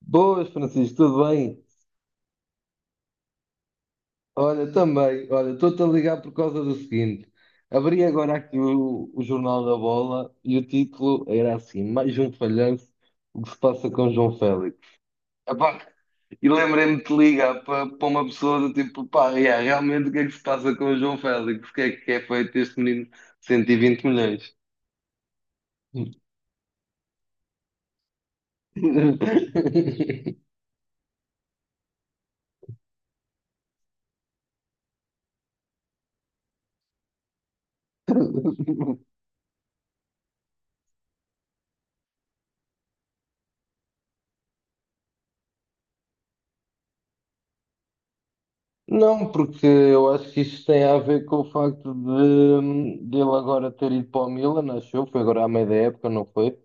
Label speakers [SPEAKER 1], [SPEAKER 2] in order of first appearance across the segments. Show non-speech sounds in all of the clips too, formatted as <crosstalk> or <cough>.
[SPEAKER 1] Boas, Francisco, tudo bem? Olha, também, olha, estou-te a ligar por causa do seguinte. Abri agora aqui o Jornal da Bola e o título era assim: Mais um falhanço, o que se passa com João Félix. Epá, e lembrei-me de te ligar para uma pessoa do tipo, pá, yeah, realmente o que é que se passa com o João Félix? O que é feito este menino de 120 milhões? <laughs> Não, porque eu acho que isto tem a ver com o facto de ele agora ter ido para o Milan, acho eu, foi agora à meia da época, não foi?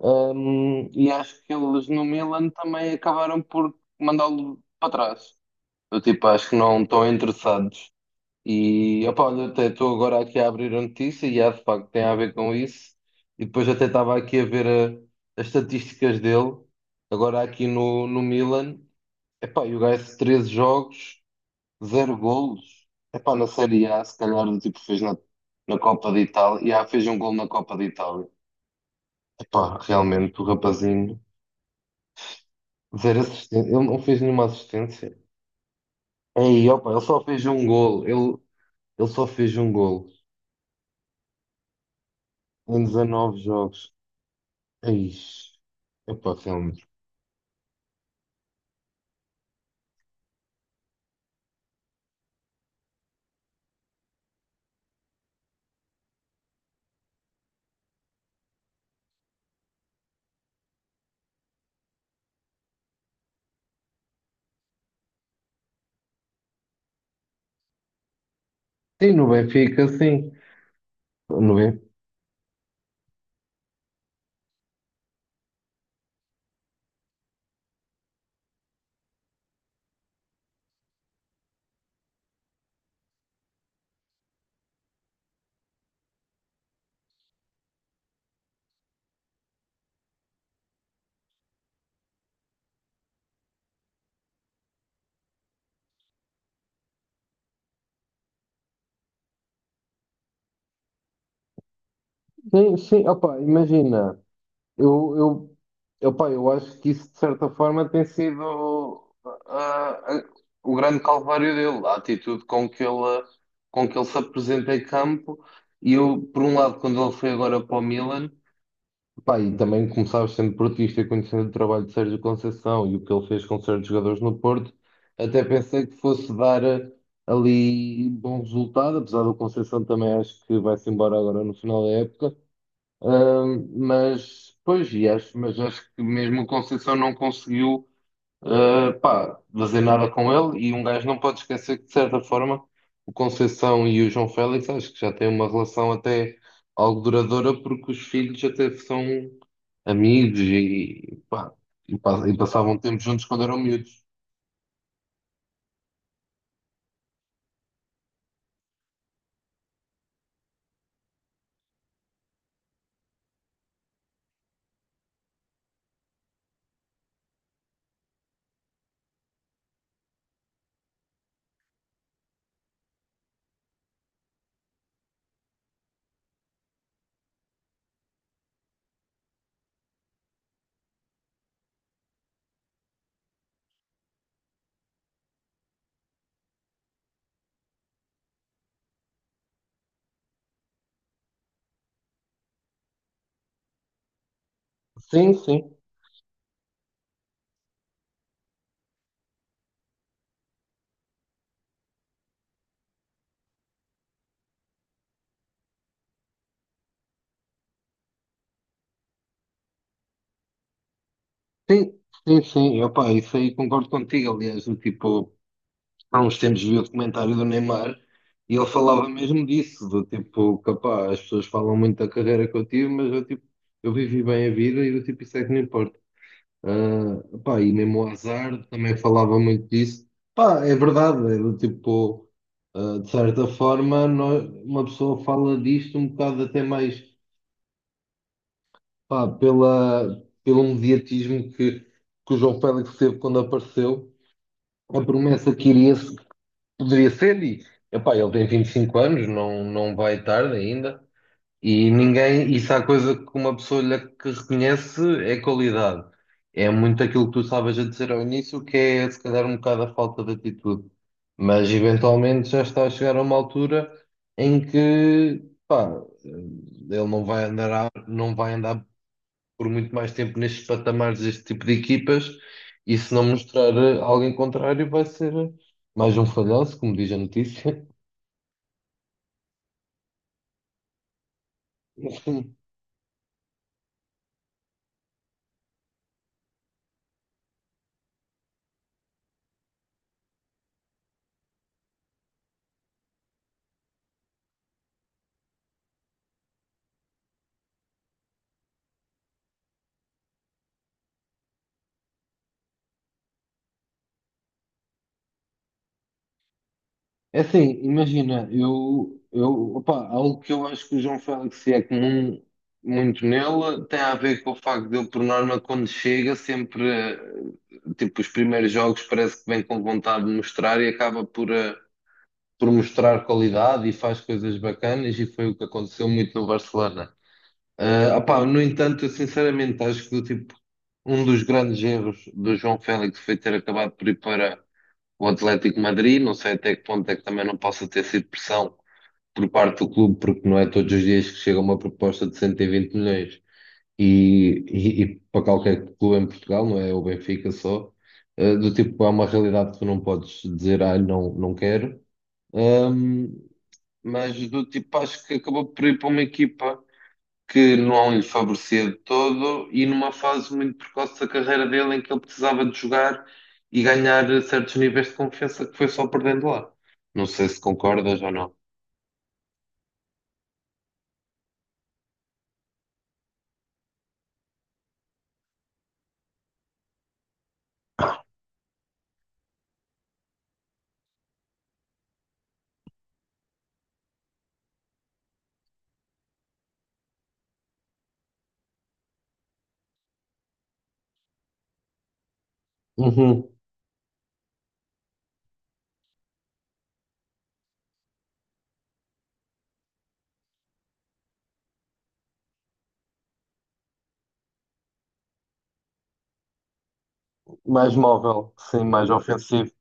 [SPEAKER 1] E acho que eles no Milan também acabaram por mandá-lo para trás. Eu tipo, acho que não estão interessados. E opá, olha, até estou agora aqui a abrir a notícia e há de facto tem a ver com isso. E depois até estava aqui a ver as estatísticas dele, agora aqui no Milan. Epá, e o gajo 13 jogos. Zero golos? Epá, na Série A, se calhar, o tipo, fez na Copa de Itália. E fez um gol na Copa de Itália. Epá, realmente, o rapazinho, zero assistência. Ele não fez nenhuma assistência. Ei, opa, ele só fez um gol. Ele só fez um gol em 19 jogos. Ei, epá, realmente. Sim, no Benfica, sim. No Benfica. Sim, sim, opa, imagina. Eu, eu, epá, eu acho que isso, de certa forma, tem sido ah, ah, o grande calvário dele, a atitude com que ele se apresenta em campo. E eu, por um lado, quando ele foi agora para o Milan, epá, e também começava sendo portista e conhecendo o trabalho de Sérgio Conceição e o que ele fez com certos jogadores no Porto, até pensei que fosse dar ali bom resultado, apesar do Conceição também acho que vai-se embora agora no final da época. Mas, pois, mas acho que mesmo o Conceição não conseguiu, ah, pá, fazer nada com ele. E um gajo não pode esquecer que, de certa forma, o Conceição e o João Félix acho que já têm uma relação até algo duradoura, porque os filhos até são amigos e, pá, e passavam tempo juntos quando eram miúdos. Sim, sim, sim, sim, sim, opá, isso aí concordo contigo, aliás, do tipo. Há uns tempos vi o documentário do Neymar e ele falava mesmo disso, do tipo, capaz, as pessoas falam muito da carreira que eu tive, mas eu, tipo, eu vivi bem a vida e do tipo, isso é que não importa. Ah, pá, e mesmo o azar também falava muito disso. Pá, é verdade, é do tipo, ah, de certa forma, uma pessoa fala disto um bocado até mais, pá, pelo mediatismo que o João Félix teve quando apareceu. A promessa que iria, poderia ser, e epá, ele tem 25 anos, não, não vai tarde ainda, e ninguém, isso se há coisa que uma pessoa lhe que reconhece é qualidade. É muito aquilo que tu estavas a dizer ao início, que é se calhar um bocado a falta de atitude. Mas eventualmente já está a chegar a uma altura em que pá, ele não vai andar por muito mais tempo nestes patamares deste tipo de equipas e se não mostrar algo em contrário vai ser mais um falhanço, como diz a notícia. <laughs> Enfim, é assim, imagina, eu, opa, algo que eu acho que o João Félix é comum muito nele tem a ver com o facto de ele, por norma, quando chega, sempre, tipo, os primeiros jogos parece que vem com vontade de mostrar e acaba por... por mostrar qualidade e faz coisas bacanas e foi o que aconteceu muito no Barcelona. Ah, opá, no entanto, eu sinceramente acho que tipo, um dos grandes erros do João Félix foi ter acabado por ir para o Atlético de Madrid. Não sei até que ponto é que também não possa ter sido pressão por parte do clube, porque não é todos os dias que chega uma proposta de 120 milhões e para qualquer clube em Portugal, não é o Benfica só, ah, do tipo, há uma realidade que tu não podes dizer, ah, não, não quero. Ahm, mas do tipo, acho que acabou por ir para uma equipa que não lhe favorecia de todo e numa fase muito precoce da carreira dele em que ele precisava de jogar e ganhar certos níveis de confiança que foi só perdendo lá. Não sei se concordas ou não. Uhum. Mais móvel, sim, mais ofensivo.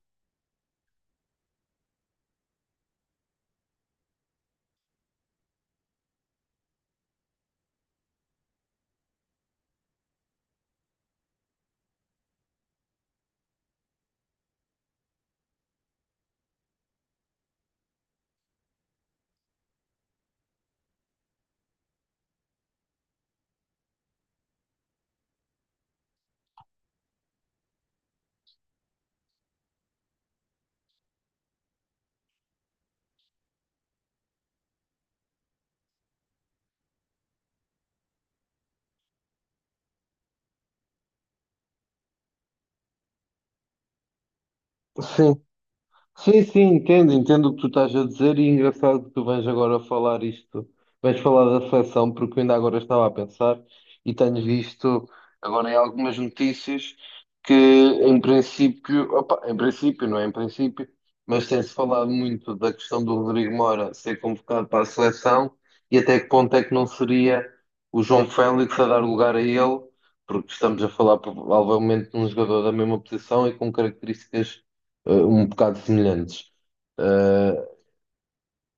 [SPEAKER 1] Sim, sim, sim, entendo, entendo o que tu estás a dizer e é engraçado que tu vens agora falar isto, vens falar da seleção, porque eu ainda agora estava a pensar e tenho visto agora em algumas notícias que em princípio, opa, em princípio, não é em princípio, mas tem-se falado muito da questão do Rodrigo Moura ser convocado para a seleção e até que ponto é que não seria o João Félix a dar lugar a ele, porque estamos a falar provavelmente de um jogador da mesma posição e com características um bocado semelhantes. Eh,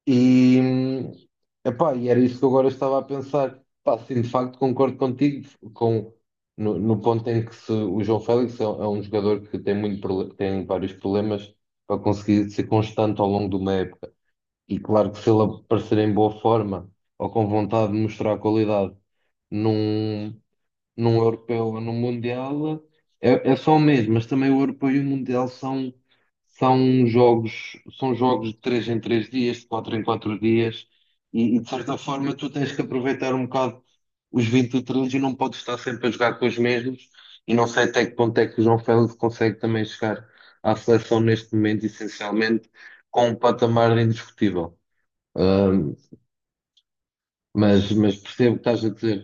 [SPEAKER 1] e, epá, e era isso que eu agora estava a pensar. Pá, sim, de facto concordo contigo com, no ponto em que se, o João Félix é um jogador que tem, muito, tem vários problemas para conseguir ser constante ao longo de uma época. E claro que se ele aparecer em boa forma ou com vontade de mostrar qualidade num, num europeu ou num mundial, é só o mesmo, mas também o europeu e o mundial são, são jogos, são jogos de três em três dias, de quatro em quatro dias, e de certa forma tu tens que aproveitar um bocado os 23 e três e não podes estar sempre a jogar com os mesmos, e não sei até que ponto é que o João Félix consegue também chegar à seleção neste momento, essencialmente, com um patamar indiscutível. Ahm, mas, percebo o que estás a dizer.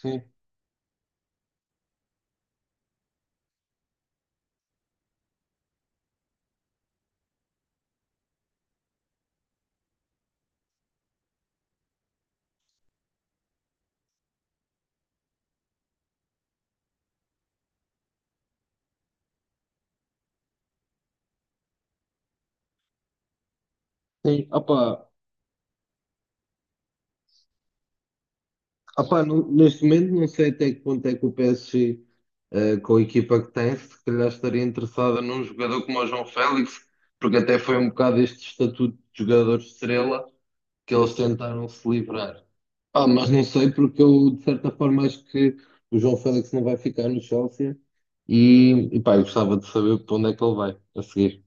[SPEAKER 1] Sim. Sim, opa, ah pá, neste momento não sei até que ponto é que o PSG, com a equipa que tem, se calhar estaria interessada num jogador como o João Félix, porque até foi um bocado este estatuto de jogador estrela que eles tentaram se livrar. Ah, mas não sei porque eu de certa forma acho que o João Félix não vai ficar no Chelsea e pá, eu gostava de saber para onde é que ele vai a seguir.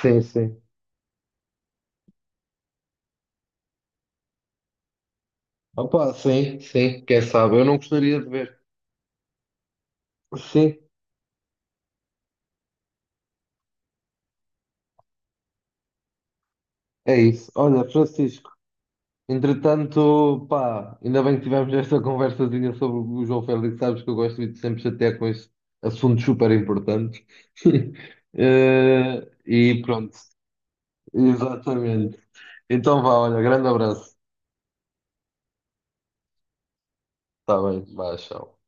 [SPEAKER 1] Sim, sim. Opa, sim, sim, quem sabe? Eu não gostaria de ver. Sim, é isso. Olha, Francisco. Entretanto, pá, ainda bem que tivemos esta <laughs> conversazinha sobre o João Félix, sabes que eu gosto de te sempre chatear com este assunto super importante. <laughs> E pronto, exatamente. Então vá, olha, grande abraço. Está bem, vá, tchau.